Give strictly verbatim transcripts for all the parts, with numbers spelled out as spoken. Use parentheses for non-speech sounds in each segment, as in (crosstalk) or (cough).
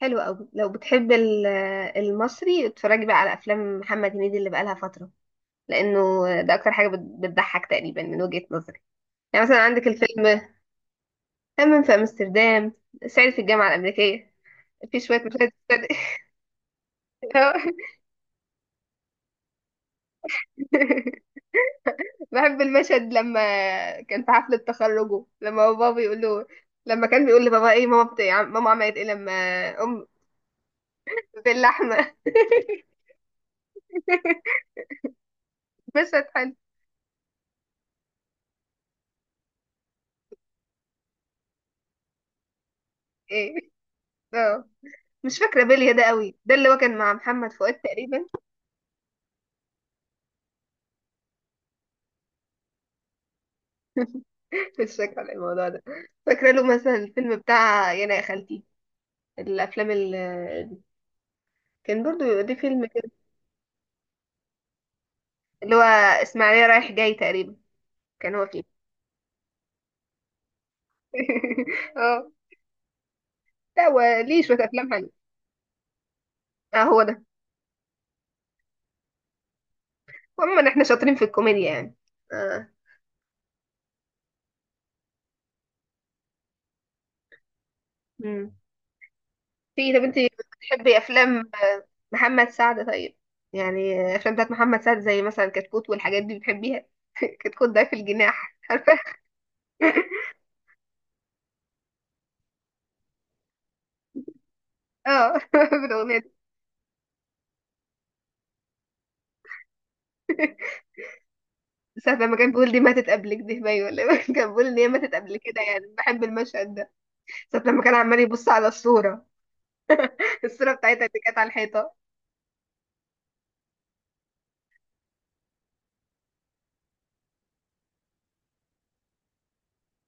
حلو قوي لو بتحب ال- المصري اتفرجي بقى على افلام محمد هنيدي اللي بقالها فتره لانه ده اكتر حاجه بت- بتضحك تقريبا من وجهه نظري. يعني مثلا عندك الفيلم همام في امستردام، صعيدي في الجامعه الامريكيه. في شويه مشاهد تستدعي (laughs) بحب المشهد لما كان في حفله تخرجه، لما هو بابا بيقول له، لما كان بيقول لبابا ايه، ماما بت... ماما عملت ايه لما ام باللحمه. (laughs) مشهد حلو. ايه، اه، مش فاكرة بيليا ده قوي، ده اللي هو كان مع محمد فؤاد تقريبا. (laughs) مش فاكرة الموضوع ده. فاكرة له مثلا الفيلم بتاع يانا يا خالتي، الأفلام اللي كان برضو دي فيلم كده اللي هو إسماعيلية رايح جاي تقريبا. كان هو فيه (laughs) اه، لا هو ليه شوية أفلام حلوة. اه هو ده. عموما احنا شاطرين في الكوميديا يعني. اه. مم. في، طب انت بتحبي أفلام، آه، محمد سعد؟ طيب يعني، آه، أفلام بتاعت محمد سعد زي مثلا كتكوت والحاجات دي، بتحبيها؟ (laughs) كتكوت ده في الجناح (laughs) عارفة. اه (laughs) بالاغنيه دي ساعة لما كان بيقول دي ماتت قبلك دي باي ولا إيه؟ (laughs) كان بيقول ان هي ماتت قبل كده، يعني بحب المشهد ده ساعة لما كان عمال يبص على الصوره (laughs) الصوره بتاعتها اللي كانت على الحيطه.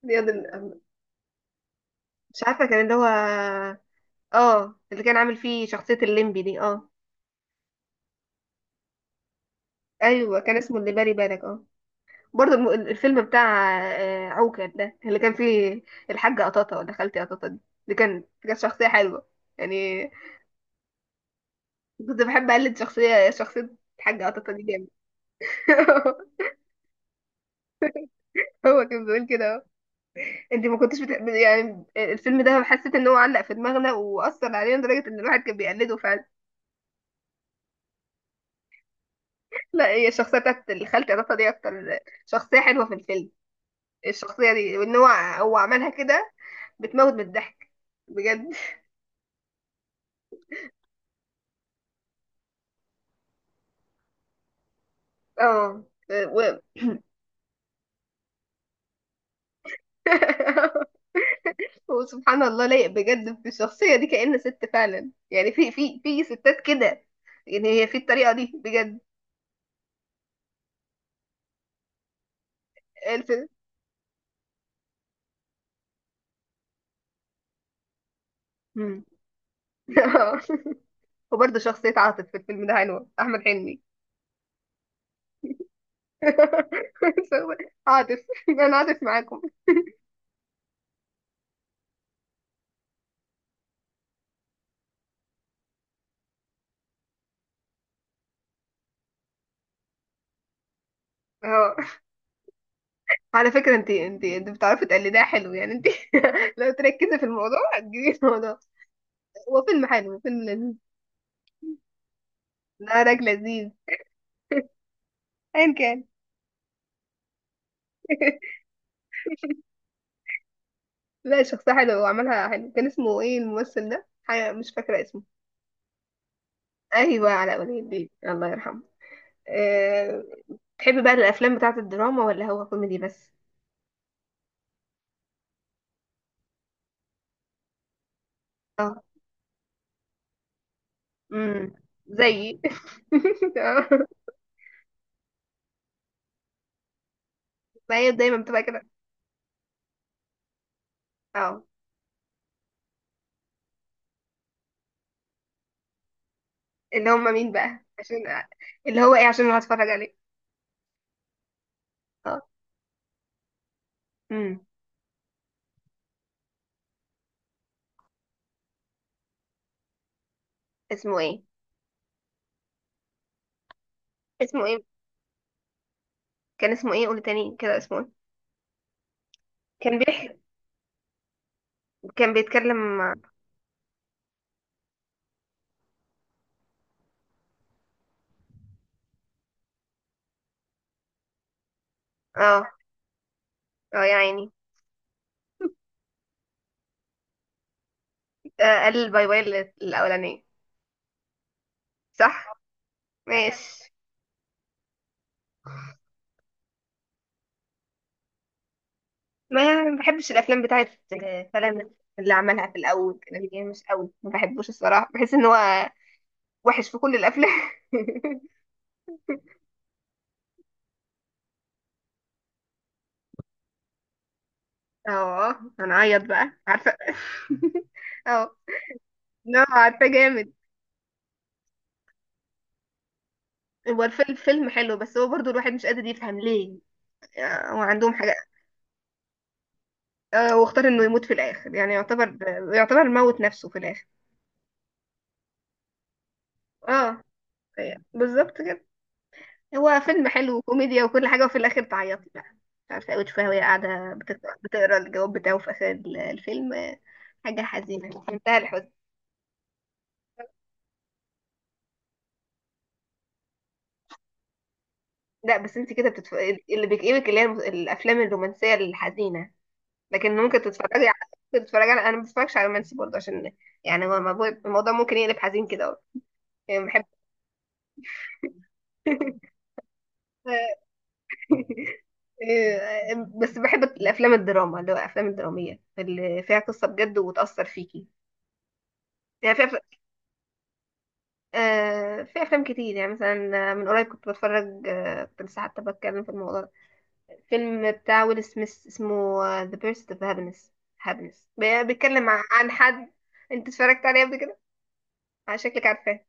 دي أظن- مش عارفه كان اللي هو، اه اللي كان عامل فيه شخصيه الليمبي دي، اه ايوه، كان اسمه اللي بالي بالك. اه برضه الم- الفيلم بتاع آه، عوكل، ده اللي كان فيه الحاجه قطاطه ولا خالتي قطاطه دي، اللي كان كانت شخصيه حلوه يعني. كنت بحب اقلد شخصيه شخصيه الحاجه قطاطه دي، جامد. (laughs) هو كان بيقول كده اهو. انت ما كنتش بتحب يعني الفيلم ده؟ حسيت ان هو علق في دماغنا واثر علينا لدرجه ان الواحد كان بيقلده فعلا. لا هي الشخصيه بتاعت الخالتة عطا دي اكتر شخصيه حلوه في الفيلم، الشخصيه دي وان هو هو عملها كده بتموت من الضحك بجد. اه. و... (laughs) وسبحان الله لايق بجد في الشخصيه دي، كأن ست فعلا. يعني في في في ستات كده، يعني هي في الطريقه دي بجد. الفيلم. (laughs) مم. وبرضه شخصيه عاطف في الفيلم ده حلوه، احمد حلمي. (laughs) عاطف، انا عاطف معاكم. اه. على فكره، انت انت انت بتعرفي تقلديها حلو يعني انت. (laughs) لو تركزي في الموضوع هتجيبي الموضوع. هو فيلم حلو، هو فيلم لذيذ. نهارك لذيذ، ايا كان. (laughs) لا شخصيه حلوه وعملها حلو، كان اسمه ايه الممثل ده؟ حاجة مش فاكره اسمه. ايوه، علاء ولي الدين، الله يرحمه. أه... تحبي بقى الافلام بتاعه الدراما ولا هو كوميدي بس؟ اه. امم، زيي (laughs) آه. ما هي دايما بتبقى كده. اه. اللي هم مين بقى عشان، اللي هو ايه عشان انا هتفرج عليه؟ اه. امم. اسمه ايه؟ اسمه ايه؟ كان اسمه ايه؟ قول تاني كده، اسمه ايه؟ كان بيح كان بيتكلم، اه. اه يا عيني. آه، قال باي باي لل- الاولانيه. صح. ماشي. ما ما بحبش الافلام بتاعت فلان، اللي عملها في الاول كده يعني مش قوي، ما بحبوش الصراحه، بحس ان هو وحش في كل الافلام. (laughs) اه، هنعيط بقى عارفه. (laughs) اه. لا عارفه جامد، هو الفيلم فيلم حلو، بس هو برضو الواحد مش قادر يفهم ليه، آه، هو عندهم حاجة. آه، واختار انه يموت في الاخر، يعني يعتبر، يعتبر موت نفسه في الاخر. اه يعني بالظبط كده. هو فيلم حلو وكوميديا وكل حاجة، وفي الاخر تعيطي بقى. مش عارفة اوي تشوفها وهي قاعدة بتقرا بتقرا الجواب بتاعه في اخر ال- الفيلم، آه، حاجة حزينة في منتهى الحزن. لا بس انت كده بتتف... اللي بيكئبك اللي هي الافلام الرومانسية الحزينة، لكن ممكن تتفرجي على، ممكن تتفرجي على، انا ما بتفرجش على رومانسي برضه عشان، يعني هو الموضوع الموضوع ممكن يقلب حزين كده، يعني بحب (laughs) بس بحب الافلام الدراما، اللي هو الافلام الدراميه اللي فيها قصه بجد وتاثر فيكي. يعني في أف... آه، في افلام كتير يعني، مثلا من قريب كنت بتفرج، آه، كنت لسه حتى بتكلم في الموضوع ده، فيلم بتاع ويل سميث اسمه ذا بيرست اوف هابينس. هابينس بيتكلم عن عن حد، انت اتفرجت عليه قبل كده؟ على شكلك عارفاه.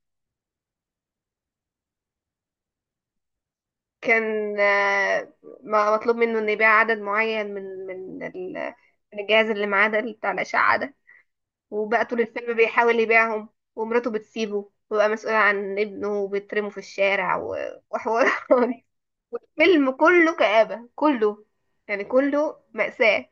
كان آه، م- مطلوب منه انه يبيع عدد معين من من ال- من الجهاز اللي معاه ده، اللي بتاع الاشعه ده. وبقى طول الفيلم بيحاول يبيعهم، ومراته بتسيبه وبقى مسؤول عن ابنه وبيترمه في الشارع و- وحوارات. (laughs) فيلم كله كآبة، كله يعني كله مأساة.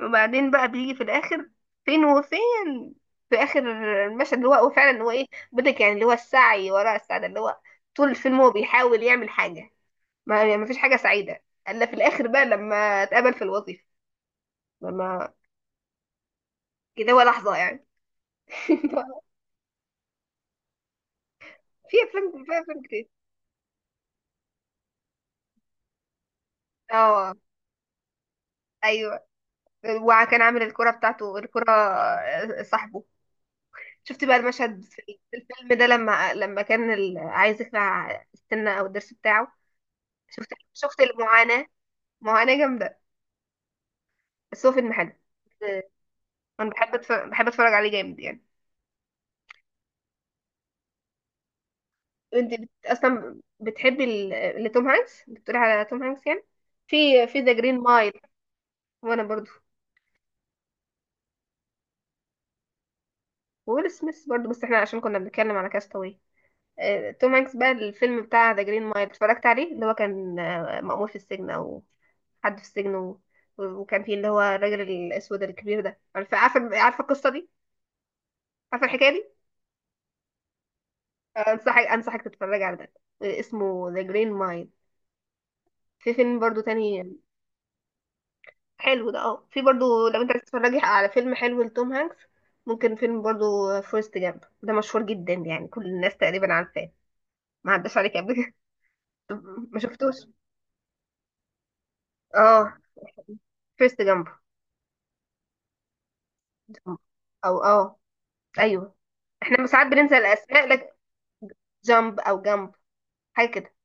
وبعدين بقى بيجي في الآخر، فين وفين، في آخر المشهد اللي هو هو فعلا، هو إيه، بدك يعني اللي هو السعي وراء السعادة، اللي هو طول الفيلم هو بيحاول يعمل حاجة، ما يعني ما فيش حاجة سعيدة إلا في الآخر بقى لما اتقبل في الوظيفة، لما كده، هو لحظة يعني. (laughs) في أفلام في أفلام كتير. اه. ايوه. وكان عامل الكرة بتاعته، الكرة آه، صاحبه. شفت بقى المشهد في الفيلم ده، لما لما كان ال- عايز يخلع السنة او الضرس بتاعه؟ شفت شفت المعاناة، معاناة جامدة، بس هو فيلم حلو. آه، انا بحب أتفرج، بحب اتفرج عليه جامد يعني. انت بت... اصلا بتحبي ال- لتوم هانكس، بتقولي على توم هانكس يعني. في في ذا جرين مايل. وانا برضو. وويل سميث برضو، بس احنا عشان كنا بنتكلم على كاستاوي. آه، توم هانكس بقى الفيلم بتاع ذا جرين مايل اتفرجت عليه، اللي هو كان آه، مأمور في السجن او حد في السجن. و... وكان فيه اللي هو الراجل الاسود الكبير ده، عارفه؟ عارفه عارفه القصه دي؟ عارفه الحكايه دي؟ آه، انصحك، انصحك تتفرج على ده، آه، اسمه ذا جرين مايل. في فيلم برضو تاني حلو ده، اه. في برضو لو انت عايز تتفرجي على فيلم حلو لتوم هانكس، ممكن فيلم برضو فورست جامب، ده مشهور جدا يعني كل الناس تقريبا عارفاه، ما عداش عليك قبل كده. (laughs) ما شفتوش. اه فورست جامب. او اه. ايوه. احنا ساعات بننسى الاسماء لك. جامب او جامب، حاجه كده.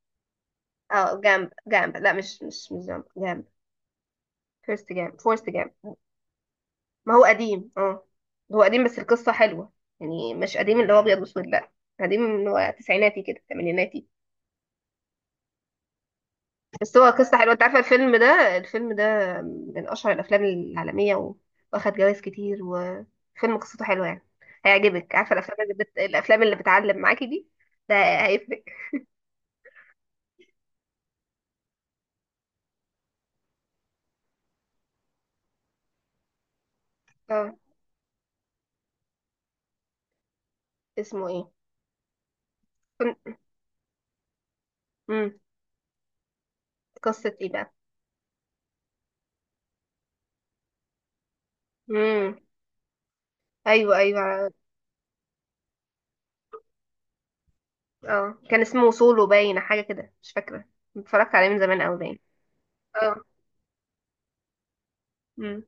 اه جامب جامب، لا مش مش مش جامب جامب، فيرست جامب، فورست جامب. ما هو قديم، اه هو قديم بس القصه حلوه، يعني مش قديم اللي هو ابيض واسود لا، قديم اللي هو تسعيناتي كده، ثمانيناتي. بس هو قصه حلوه، انت عارفه الفيلم ده، الفيلم ده من اشهر الافلام العالميه و- واخد جوائز كتير، وفيلم قصته حلوه يعني، هيعجبك. عارفه الافلام اللي بت... الافلام اللي بتعلم معاكي دي؟ ده هيفرق. اه. اسمه ايه؟ كن- مم. قصة ايه بقى؟ امم. ايوه، ايوه. اه كان اسمه سولو باين، حاجة كده مش فاكرة، اتفرجت عليه من زمان قوي باين. اه. امم.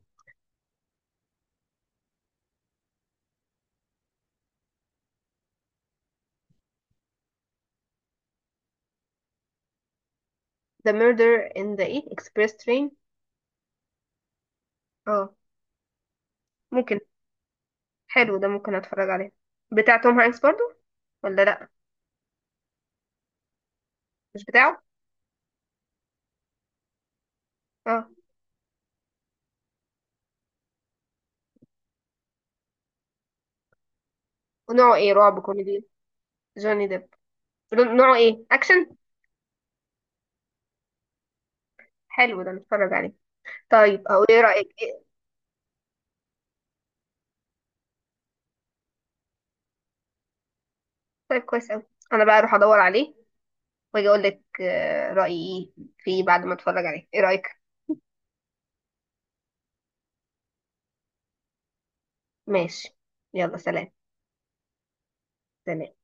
The Murder in the ايه Express Train؟ اه. ممكن، حلو ده ممكن اتفرج عليه. بتاع توم هانكس برضو ولا لا؟ مش بتاعه، اه. ونوعه ايه، رعب، كوميدي؟ جوني ديب. نوعه ايه، اكشن؟ حلو ده، نتفرج عليه طيب. او ايه رأيك إيه؟ طيب كويس قوي، انا بقى اروح ادور عليه واجي اقول لك آه، رأيي ايه فيه بعد ما اتفرج عليه. ايه رأيك؟ ماشي. يلا سلام. سلام.